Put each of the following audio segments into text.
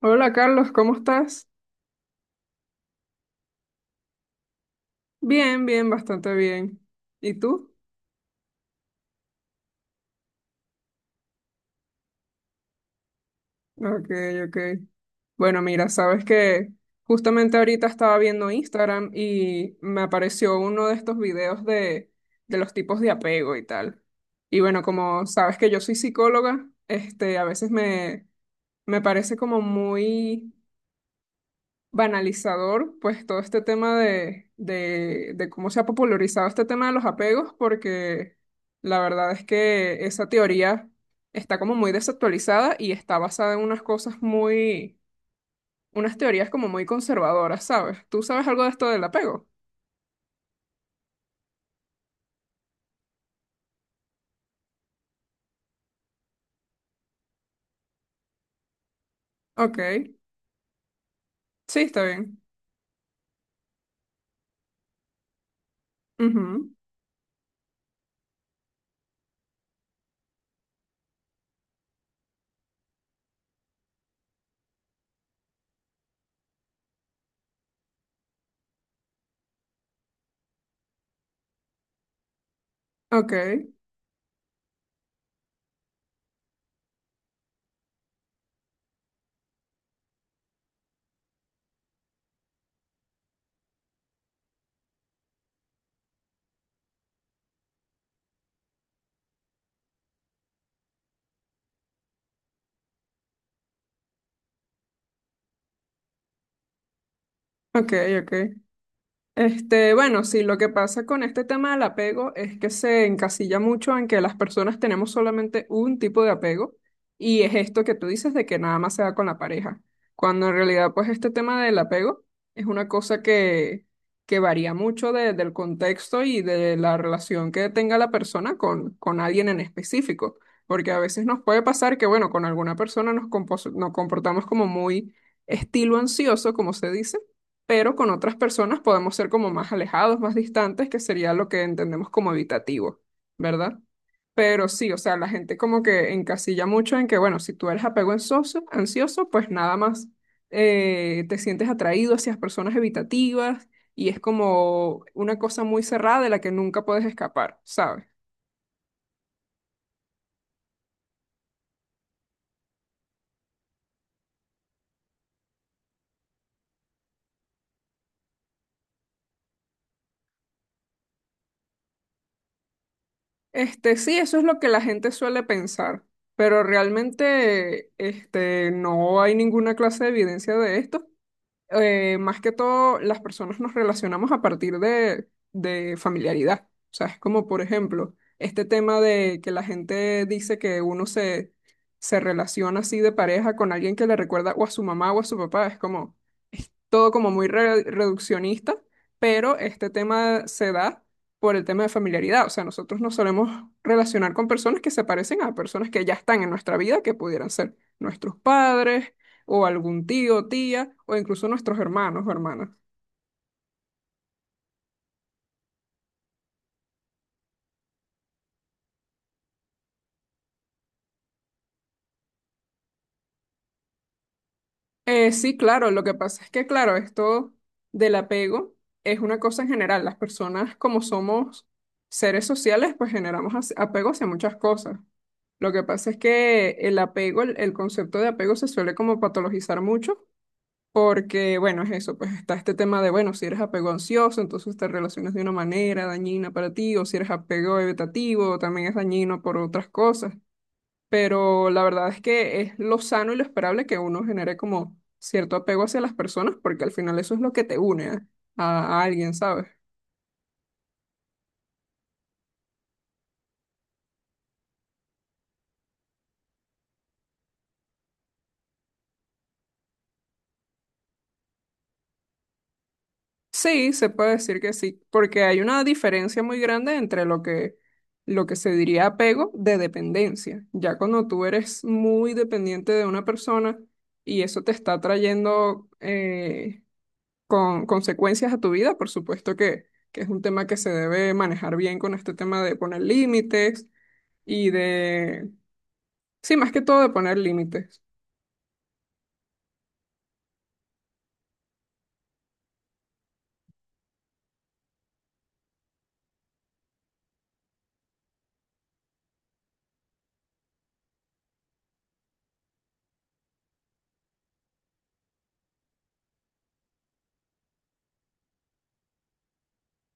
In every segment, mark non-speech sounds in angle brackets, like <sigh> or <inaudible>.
Hola Carlos, ¿cómo estás? Bien, bien, bastante bien. ¿Y tú? Ok, ok. Bueno, mira, sabes que justamente ahorita estaba viendo Instagram y me apareció uno de estos videos de los tipos de apego y tal. Y bueno, como sabes que yo soy psicóloga, a veces me parece como muy banalizador, pues todo este tema de cómo se ha popularizado este tema de los apegos, porque la verdad es que esa teoría está como muy desactualizada y está basada en unas cosas unas teorías como muy conservadoras, ¿sabes? ¿Tú sabes algo de esto del apego? Ok, sí, está bien. Ujú. Ok, ok, ok. Bueno, sí, lo que pasa con este tema del apego es que se encasilla mucho en que las personas tenemos solamente un tipo de apego y es esto que tú dices de que nada más se da con la pareja, cuando en realidad pues este tema del apego es una cosa que varía mucho del contexto y de la relación que tenga la persona con alguien en específico, porque a veces nos puede pasar que bueno, con alguna persona nos comportamos como muy estilo ansioso, como se dice, pero con otras personas podemos ser como más alejados, más distantes, que sería lo que entendemos como evitativo, ¿verdad? Pero sí, o sea, la gente como que encasilla mucho en que, bueno, si tú eres apego ansioso, pues nada más te sientes atraído hacia personas evitativas y es como una cosa muy cerrada de la que nunca puedes escapar, ¿sabes? Sí, eso es lo que la gente suele pensar, pero realmente no hay ninguna clase de evidencia de esto, más que todo, las personas nos relacionamos a partir de familiaridad. O sea, es como, por ejemplo, este tema de que la gente dice que uno se relaciona así de pareja con alguien que le recuerda o a su mamá o a su papá. Es como, es todo como muy reduccionista, pero este tema se da por el tema de familiaridad. O sea, nosotros nos solemos relacionar con personas que se parecen a personas que ya están en nuestra vida, que pudieran ser nuestros padres o algún tío, tía, o incluso nuestros hermanos o hermanas. Sí, claro, lo que pasa es que, claro, esto del apego es una cosa en general. Las personas, como somos seres sociales, pues generamos apego hacia muchas cosas. Lo que pasa es que el apego, el concepto de apego se suele como patologizar mucho, porque, bueno, es eso, pues está este tema de, bueno, si eres apego ansioso, entonces te relacionas de una manera dañina para ti, o si eres apego evitativo, también es dañino por otras cosas, pero la verdad es que es lo sano y lo esperable que uno genere como cierto apego hacia las personas, porque al final eso es lo que te une a alguien, ¿sabes? Sí, se puede decir que sí, porque hay una diferencia muy grande entre lo lo que se diría apego de dependencia. Ya cuando tú eres muy dependiente de una persona y eso te está trayendo con consecuencias a tu vida, por supuesto que es un tema que se debe manejar bien con este tema de poner límites y de, sí, más que todo de poner límites.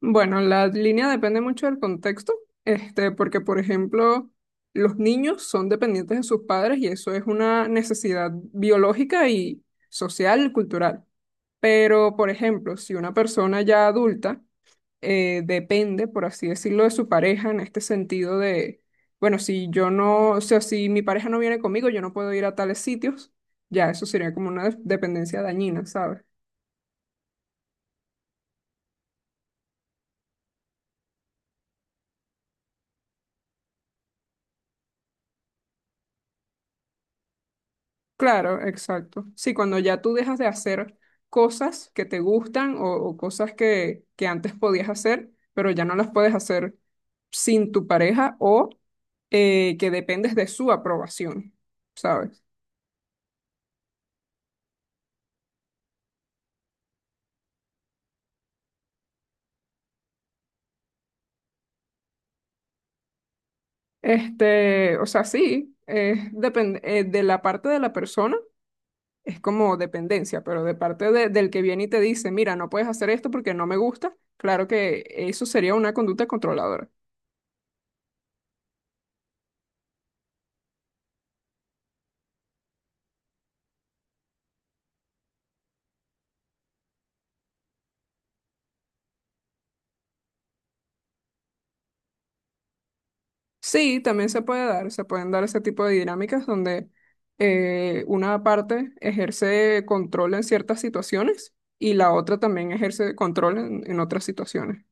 Bueno, la línea depende mucho del contexto, porque, por ejemplo, los niños son dependientes de sus padres y eso es una necesidad biológica y social, cultural. Pero, por ejemplo, si una persona ya adulta depende, por así decirlo, de su pareja en este sentido de, bueno, si yo no, o sea, si mi pareja no viene conmigo, yo no puedo ir a tales sitios, ya eso sería como una dependencia dañina, ¿sabes? Claro, exacto. Sí, cuando ya tú dejas de hacer cosas que te gustan o cosas que antes podías hacer, pero ya no las puedes hacer sin tu pareja o que dependes de su aprobación, ¿sabes? O sea, sí, depende, de la parte de la persona es como dependencia, pero de parte del que viene y te dice, mira, no puedes hacer esto porque no me gusta, claro que eso sería una conducta controladora. Sí, también se puede dar, se pueden dar ese tipo de dinámicas donde una parte ejerce control en ciertas situaciones y la otra también ejerce control en otras situaciones.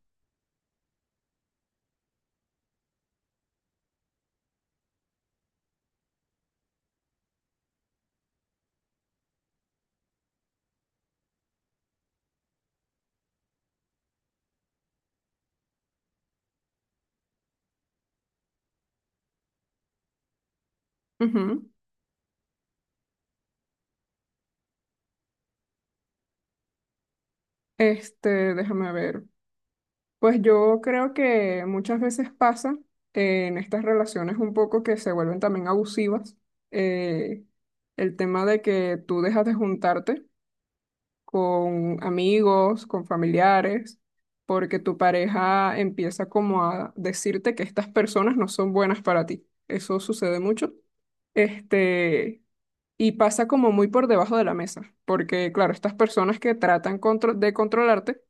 Ujú. Déjame ver. Pues yo creo que muchas veces pasa en estas relaciones un poco que se vuelven también abusivas. eh, el tema de que tú dejas de juntarte con amigos, con familiares, porque tu pareja empieza como a decirte que estas personas no son buenas para ti. Eso sucede mucho. Este, y pasa como muy por debajo de la mesa, porque claro, estas personas que de controlarte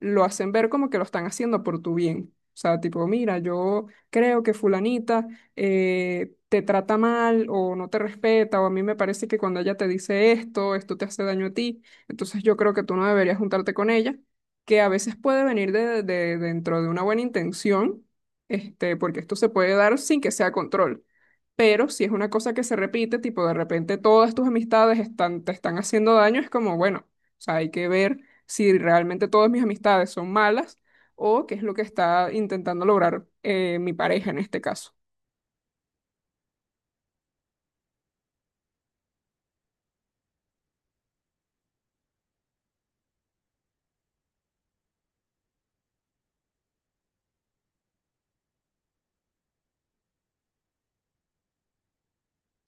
lo hacen ver como que lo están haciendo por tu bien. O sea, tipo, mira, yo creo que fulanita te trata mal o no te respeta o a mí me parece que cuando ella te dice esto, esto te hace daño a ti, entonces yo creo que tú no deberías juntarte con ella, que a veces puede venir dentro de una buena intención, porque esto se puede dar sin que sea control. Pero si es una cosa que se repite, tipo de repente todas tus amistades están, te están haciendo daño, es como, bueno, o sea, hay que ver si realmente todas mis amistades son malas o qué es lo que está intentando lograr, mi pareja en este caso.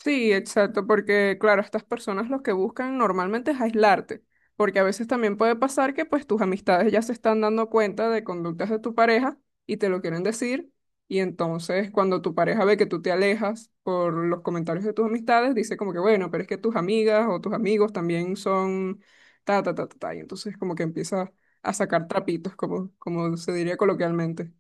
Sí, exacto, porque claro, estas personas lo que buscan normalmente es aislarte, porque a veces también puede pasar que pues tus amistades ya se están dando cuenta de conductas de tu pareja y te lo quieren decir, y entonces cuando tu pareja ve que tú te alejas por los comentarios de tus amistades, dice como que bueno, pero es que tus amigas o tus amigos también son ta ta ta ta, ta", y entonces como que empieza a sacar trapitos, como como se diría coloquialmente.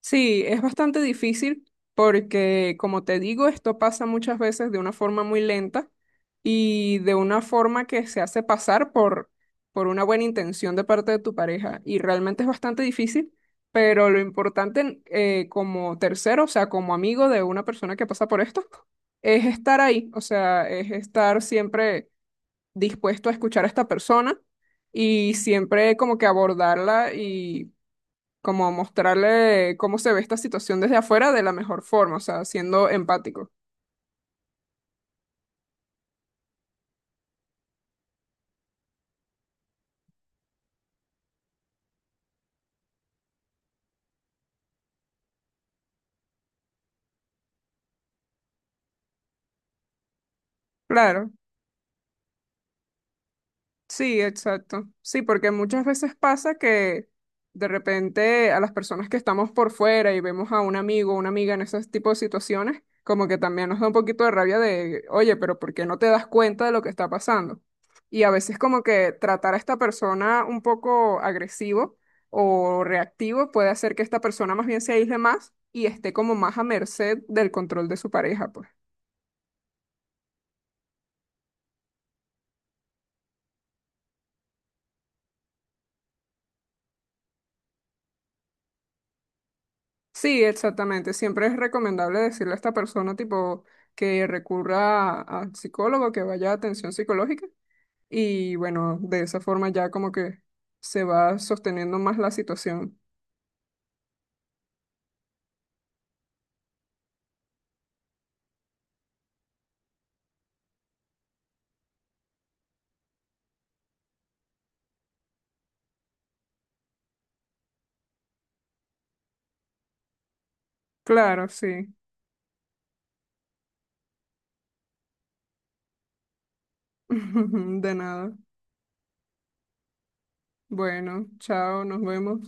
Sí, es bastante difícil porque, como te digo, esto pasa muchas veces de una forma muy lenta y de una forma que se hace pasar por una buena intención de parte de tu pareja. Y realmente es bastante difícil, pero lo importante, como tercero, o sea, como amigo de una persona que pasa por esto, es estar ahí, o sea, es estar siempre dispuesto a escuchar a esta persona y siempre como que abordarla como mostrarle cómo se ve esta situación desde afuera de la mejor forma, o sea, siendo empático. Claro. Sí, exacto. Sí, porque muchas veces pasa que de repente a las personas que estamos por fuera y vemos a un amigo o una amiga en ese tipo de situaciones, como que también nos da un poquito de rabia de, oye, pero ¿por qué no te das cuenta de lo que está pasando? Y a veces como que tratar a esta persona un poco agresivo o reactivo puede hacer que esta persona más bien se aísle más y esté como más a merced del control de su pareja, pues. Sí, exactamente. Siempre es recomendable decirle a esta persona, tipo, que recurra al psicólogo, que vaya a atención psicológica. Y bueno, de esa forma ya como que se va sosteniendo más la situación. Claro, sí. <laughs> De nada. Bueno, chao, nos vemos.